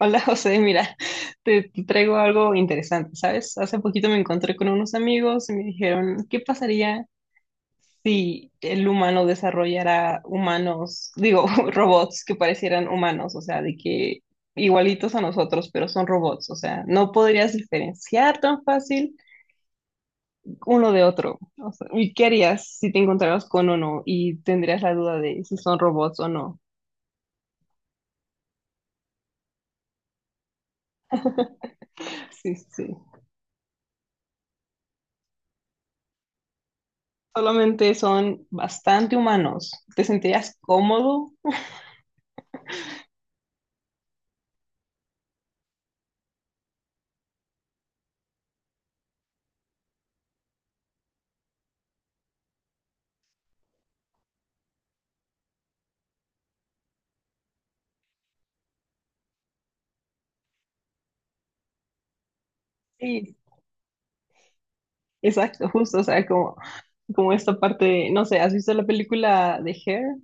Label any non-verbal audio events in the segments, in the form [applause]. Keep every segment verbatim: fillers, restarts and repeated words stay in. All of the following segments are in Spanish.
Hola [laughs] José, mira, te te traigo algo interesante, ¿sabes? Hace poquito me encontré con unos amigos y me dijeron, ¿qué pasaría si el humano desarrollara humanos, digo, [laughs] robots que parecieran humanos, o sea, de que igualitos a nosotros, pero son robots, o sea, no podrías diferenciar tan fácil uno de otro. O sea, ¿y qué harías si te encontraras con uno y tendrías la duda de si son robots o no? Sí, sí. Solamente son bastante humanos. ¿Te sentirías cómodo? Sí, exacto, justo. O sea, como, como esta parte, de- no sé, ¿has visto la película de Hair?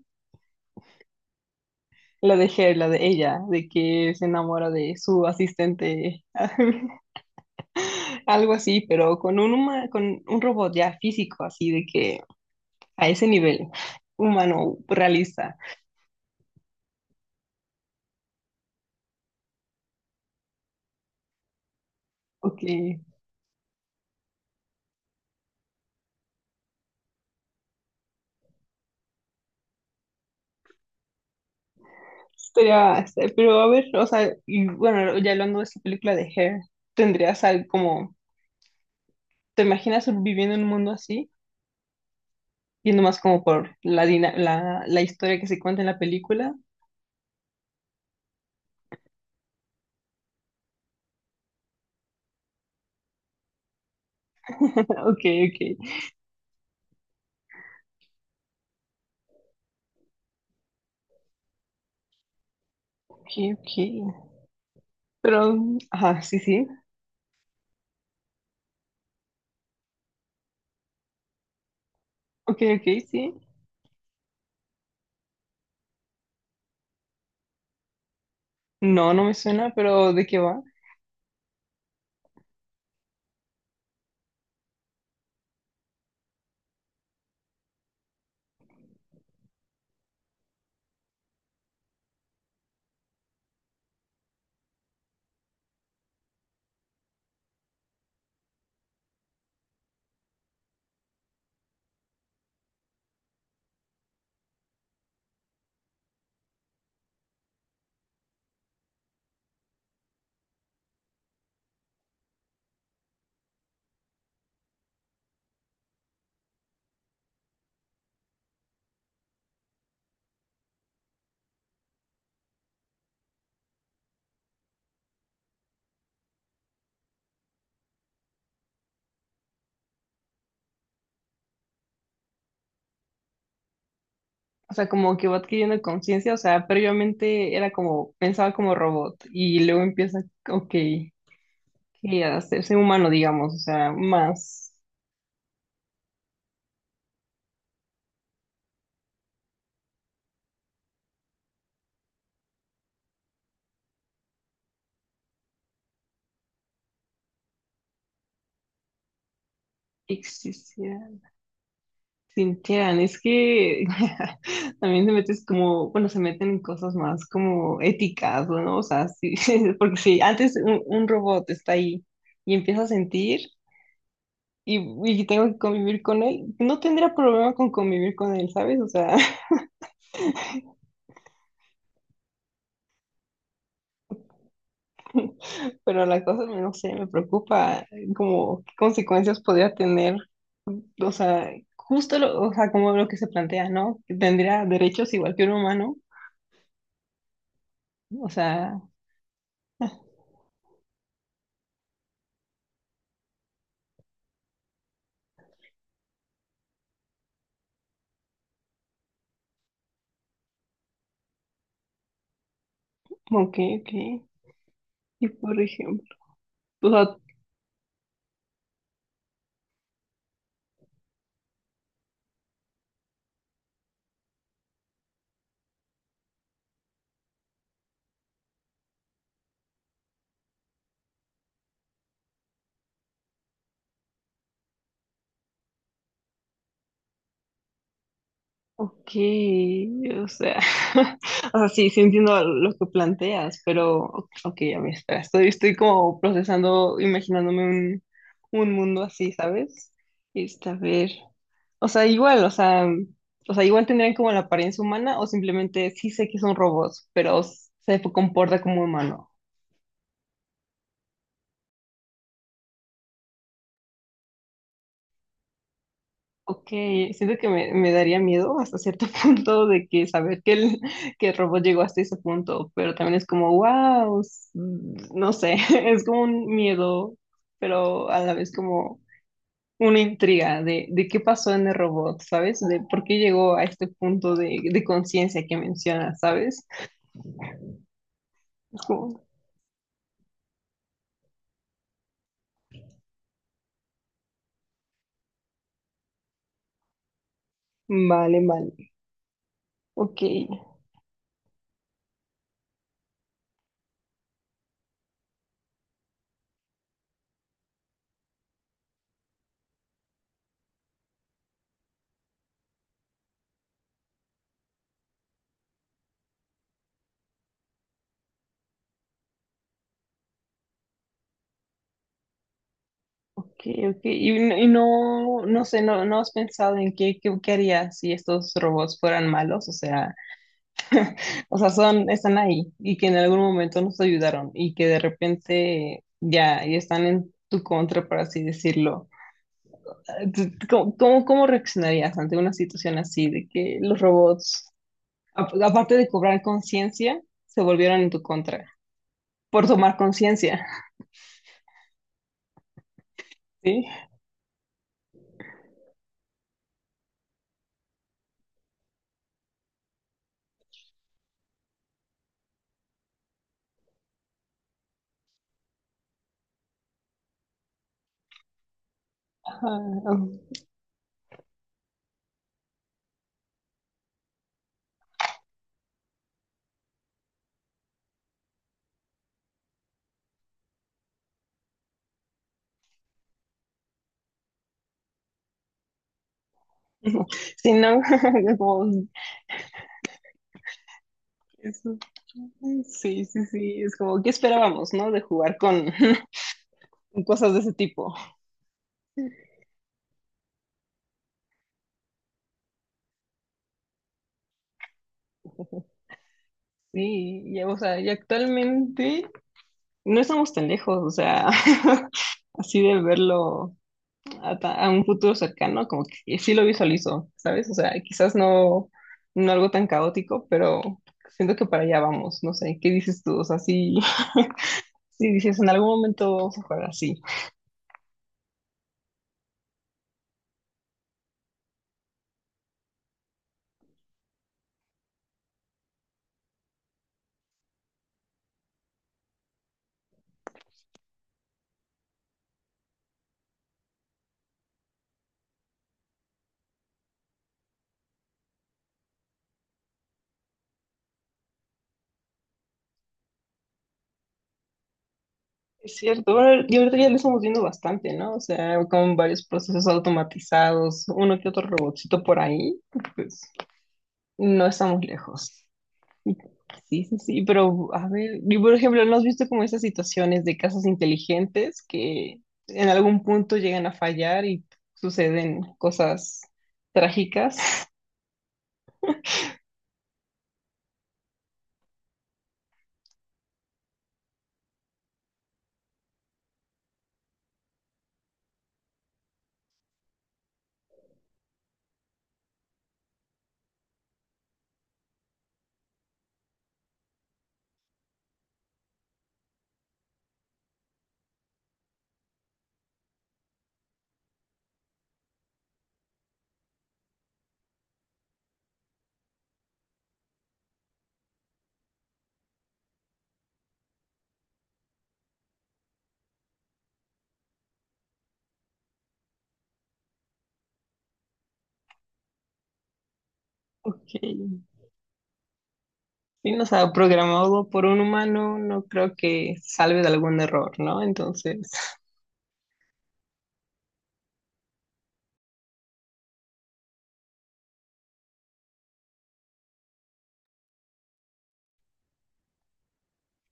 La de Hair, la de ella, de que se enamora de su asistente, [laughs] algo así, pero con un, huma- con un robot ya físico, así de que a ese nivel, humano, realista. Ok, sería, pero a ver, o sea, y bueno, ya hablando de esta película de Hair, ¿tendrías algo como... ¿Te imaginas viviendo en un mundo así? Yendo más como por la, dina- la, la historia que se cuenta en la película. [laughs] Ok, ok. Ok, ok. Pero, ajá, sí, sí. Ok, ok, sí. No, no me suena, pero ¿de qué va? O sea, como que va adquiriendo conciencia. O sea, previamente era como, pensaba como robot y luego empieza, ok, que a hacerse humano, digamos. O sea, más. Sí, sí, sí. Sintieran, es que [laughs] también te metes como, bueno, se meten en cosas más como éticas, ¿no? O sea, sí, [laughs] porque si antes un, un robot está ahí y empieza a sentir y, y tengo que convivir con él, no tendría problema con convivir con él, ¿sabes? O sea, [laughs] pero la cosa, no sé, me preocupa como qué consecuencias podría tener, o sea, justo lo, o sea, como lo que se plantea, ¿no? Que tendría derechos igual que un humano, o sea, como que, que... Y por ejemplo, o sea, ok, o sea, [laughs] o sea, sí, sí entiendo lo que planteas, pero, ok, a ver, espera, estoy, estoy como procesando, imaginándome un, un mundo así, ¿sabes? Este, a ver, o sea, igual, o sea, o sea, igual tendrían como la apariencia humana o simplemente sí sé que son robots, pero se comporta como humano. Ok, siento que me, me daría miedo hasta cierto [laughs] punto de que saber que el, que el robot llegó hasta ese punto, pero también es como, wow, no sé, [laughs] es como un miedo, pero a la vez como una intriga de, de qué pasó en el robot, ¿sabes? De por qué llegó a este punto de, de conciencia que mencionas, ¿sabes? Es como, vale, vale, ok, ok, ok, y, n- y no, no sé, no, no has pensado en qué, qué, qué harías si estos robots fueran malos, o sea... O sea, son, están ahí y que en algún momento nos ayudaron y que de repente ya, ya están en tu contra, por así decirlo. ¿Tú- tú- ¿Cómo, cómo, cómo reaccionarías ante una situación así de que los robots, a- aparte de cobrar conciencia, se volvieron en tu contra por tomar conciencia? Sí. Ajá. Sí, no, [laughs] como, es- sí, sí, sí, es como, ¿qué esperábamos, no? De jugar con [laughs] cosas de ese tipo. Sí, y, o sea, y actualmente no estamos tan lejos, o sea, [laughs] así de verlo a, ta- a un futuro cercano, como que sí lo visualizo, ¿sabes? O sea, quizás no, no algo tan caótico, pero siento que para allá vamos, no sé, ¿qué dices tú? O sea, sí, [laughs] sí dices, en algún momento vamos a jugar así. Es cierto, bueno, y ahorita ya lo estamos viendo bastante, ¿no? O sea, con varios procesos automatizados, uno que otro robotcito por ahí, pues no estamos lejos. Sí, sí, sí, pero a ver, y por ejemplo, ¿no has visto como esas situaciones de casas inteligentes que en algún punto llegan a fallar y suceden cosas trágicas? [laughs] Ok. Sí, no, o sea, programado por un humano, no creo que salve de algún error, ¿no? Entonces,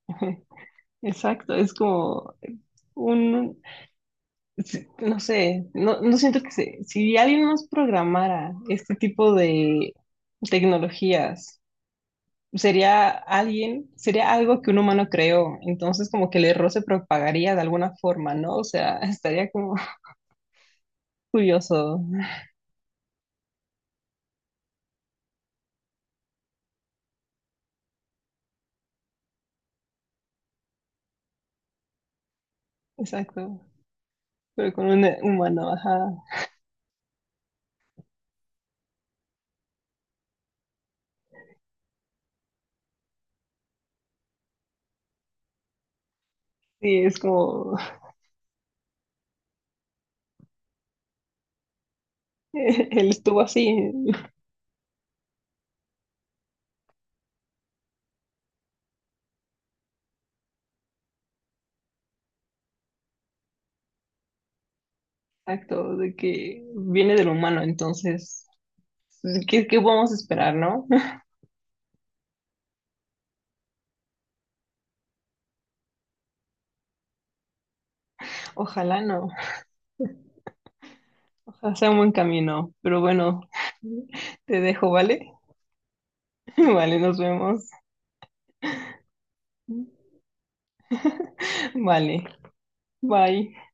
[laughs] exacto, es como un, sí, no sé, no, no siento que se, si alguien nos programara este tipo de tecnologías sería alguien, sería algo que un humano creó, entonces como que el error se propagaría de alguna forma, ¿no? O sea, estaría como [laughs] curioso, exacto, pero con un humano, ajá. Sí, es como, [laughs] él estuvo así, exacto, de que viene del humano, entonces, ¿qué, qué podemos esperar, no? [laughs] Ojalá no, ojalá sea un buen camino, pero bueno, [laughs] te dejo, ¿vale? [laughs] Vale, nos vemos. Vale, bye.